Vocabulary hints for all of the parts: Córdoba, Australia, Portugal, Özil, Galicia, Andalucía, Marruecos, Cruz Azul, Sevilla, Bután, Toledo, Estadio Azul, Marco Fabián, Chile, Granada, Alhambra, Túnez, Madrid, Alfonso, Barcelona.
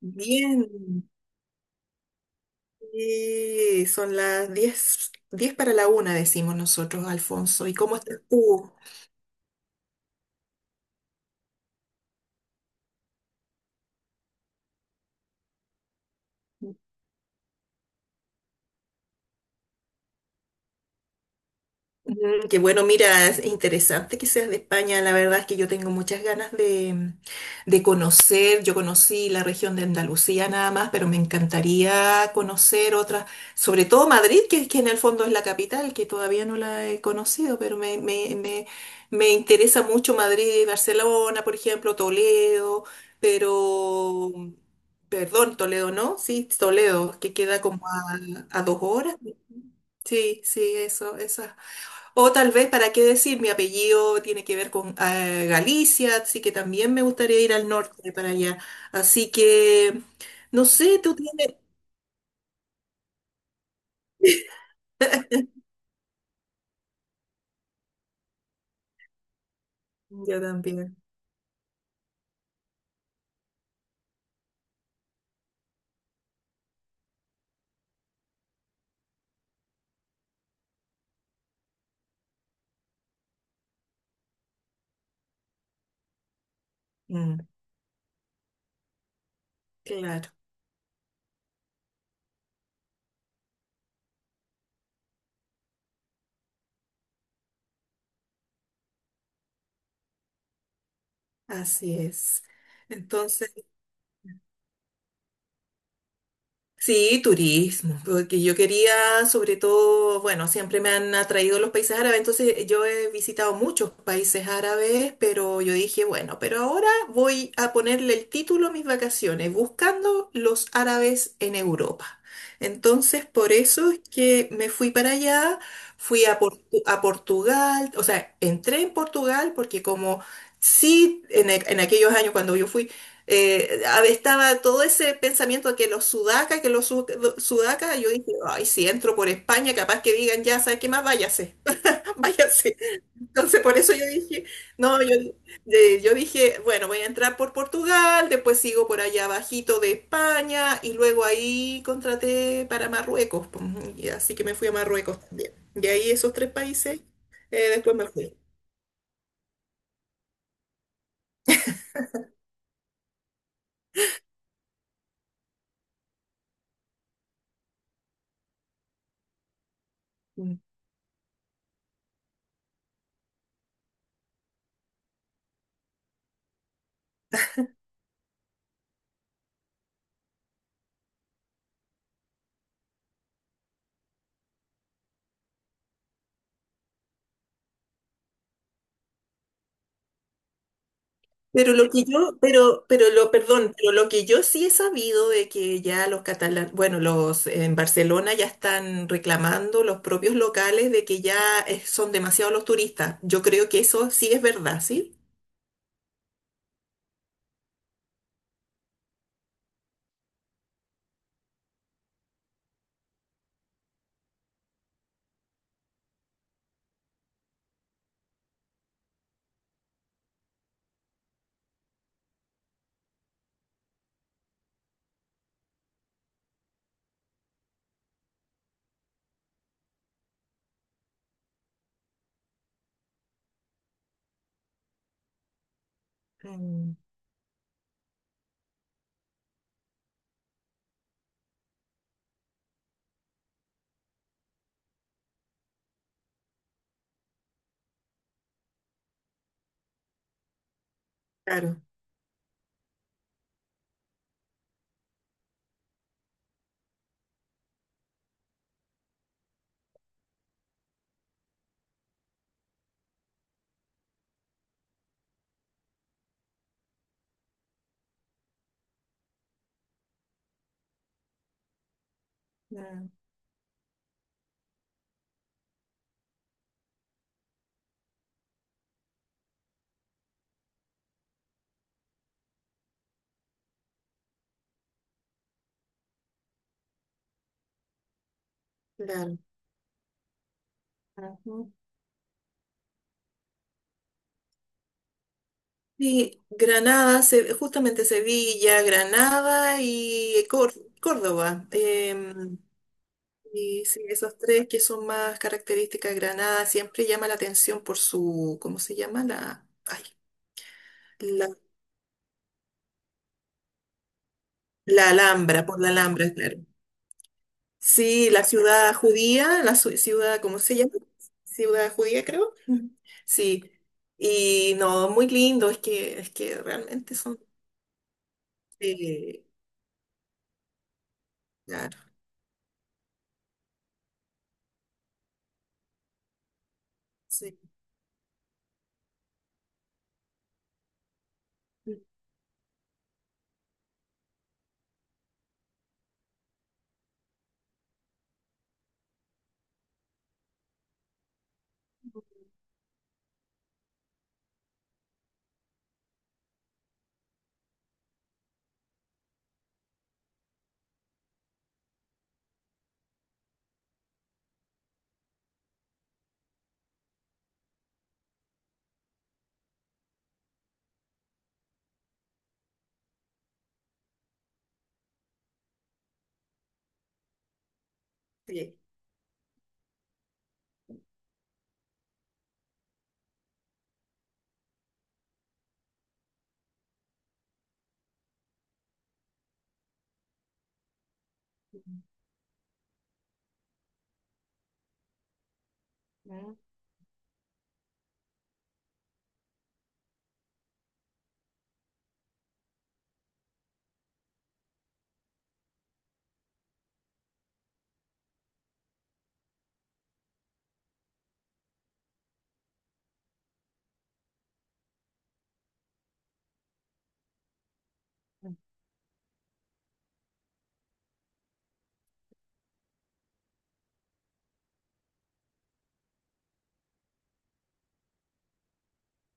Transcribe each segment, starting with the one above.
Bien, sí, son las 10, 10 para la una, decimos nosotros, Alfonso. ¿Y cómo estás tú? Mm, qué bueno, mira, es interesante que seas de España. La verdad es que yo tengo muchas ganas de conocer. Yo conocí la región de Andalucía nada más, pero me encantaría conocer otras, sobre todo Madrid, que en el fondo es la capital, que todavía no la he conocido, pero me interesa mucho Madrid, Barcelona, por ejemplo, Toledo, pero, perdón, Toledo, ¿no? Sí, Toledo, que queda como a dos horas. Sí, sí, eso, eso. O tal vez, ¿para qué decir? Mi apellido tiene que ver con Galicia, así que también me gustaría ir al norte para allá. Así que no sé, tú tienes... Yo también. Mm, claro, así es. Entonces... Sí, turismo, porque yo quería, sobre todo, bueno, siempre me han atraído los países árabes, entonces yo he visitado muchos países árabes, pero yo dije, bueno, pero ahora voy a ponerle el título a mis vacaciones, buscando los árabes en Europa. Entonces, por eso es que me fui para allá, fui a, a Portugal, o sea, entré en Portugal porque como sí, en aquellos años cuando yo fui... estaba todo ese pensamiento de que los sudacas, que los sudacas, yo dije, ay, si entro por España, capaz que digan, ya, ¿sabes qué más? Váyase, váyase. Entonces, por eso yo dije, no, yo, yo dije, bueno, voy a entrar por Portugal, después sigo por allá abajito de España, y luego ahí contraté para Marruecos, pues, y así que me fui a Marruecos también. Y ahí esos tres países, después me fui. Pero lo que yo, pero lo, perdón, pero lo que yo sí he sabido de que ya los catalanes, bueno, los en Barcelona ya están reclamando los propios locales de que ya son demasiados los turistas. Yo creo que eso sí es verdad, ¿sí? Mm, claro, mm, claro. Ujú. Sí, Granada, justamente Sevilla, Granada y Córdoba. Y sí, esos tres que son más características de Granada, siempre llama la atención por su, ¿cómo se llama? La, ay, la, la Alhambra, por la Alhambra, claro. Sí, la ciudad judía, la ciudad, ¿cómo se llama? Ciudad judía, creo. Mm. Sí. Y no, muy lindo, es que realmente son, eh, claro, sí. Sí. Mm.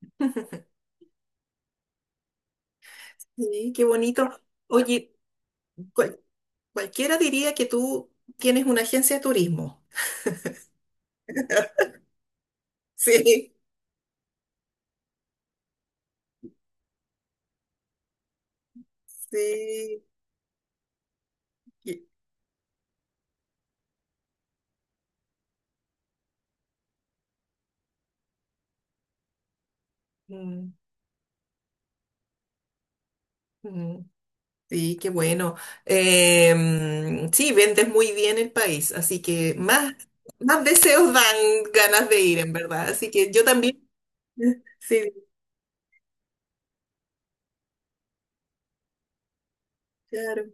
Sí, qué bonito. Oye, cual- cualquiera diría que tú tienes una agencia de turismo. Sí. Sí. qué- Mm, mm. Sí, qué bueno. Sí, vendes muy bien el país, así que más, más deseos dan ganas de ir, en verdad. Así que yo también. Sí, claro.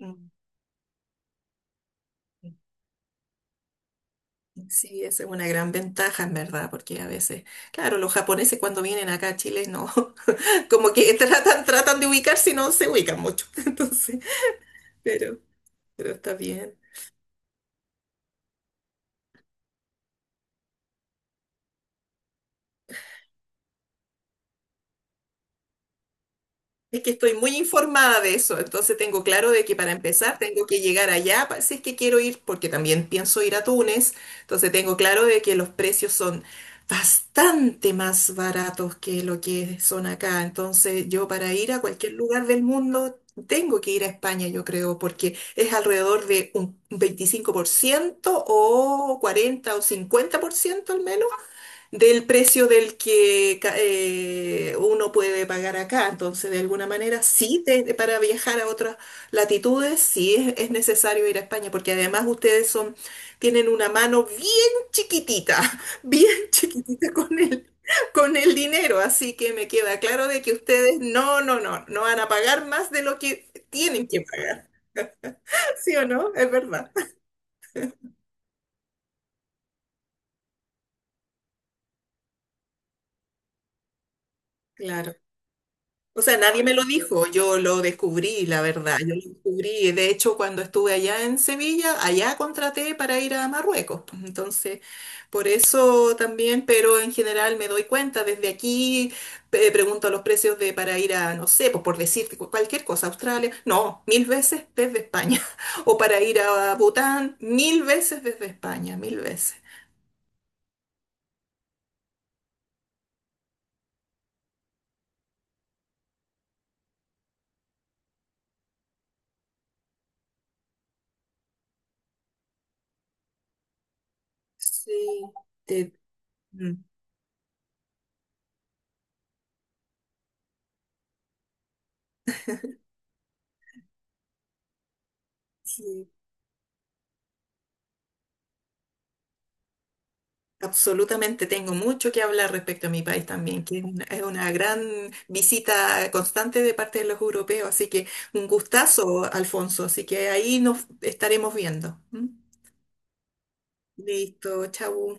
Mm, sí, esa es una gran ventaja, en verdad, porque a veces, claro, los japoneses cuando vienen acá a Chile, no, como que tratan, tratan de ubicarse y no se ubican mucho. Entonces, pero, pero está bien. Es que estoy muy informada de eso, entonces tengo claro de que para empezar tengo que llegar allá, si es que quiero ir, porque también pienso ir a Túnez, entonces tengo claro de que los precios son bastante más baratos que lo que son acá, entonces yo para ir a cualquier lugar del mundo tengo que ir a España, yo creo, porque es alrededor de un 25% o 40 o 50% al menos del precio del que uno puede pagar acá. Entonces, de alguna manera, sí, para viajar a otras latitudes, sí es necesario ir a España, porque además ustedes son, tienen una mano bien chiquitita, bien chiquitita con el dinero. Así que me queda claro de que ustedes no van a pagar más de lo que tienen que pagar. ¿Sí o no? Es verdad. Claro. O sea, nadie me lo dijo, yo lo descubrí, la verdad, yo lo descubrí. De hecho, cuando estuve allá en Sevilla, allá contraté para ir a Marruecos, pues. Entonces, por eso también, pero en general me doy cuenta, desde aquí pregunto los precios de para ir a, no sé, pues por decirte cualquier cosa, Australia, no, mil veces desde España. O para ir a Bután, mil veces desde España, mil veces. Sí, te- mm, sí. Absolutamente, tengo mucho que hablar respecto a mi país también, que es una gran visita constante de parte de los europeos, así que un gustazo, Alfonso, así que ahí nos estaremos viendo. ¿M? Listo, chau.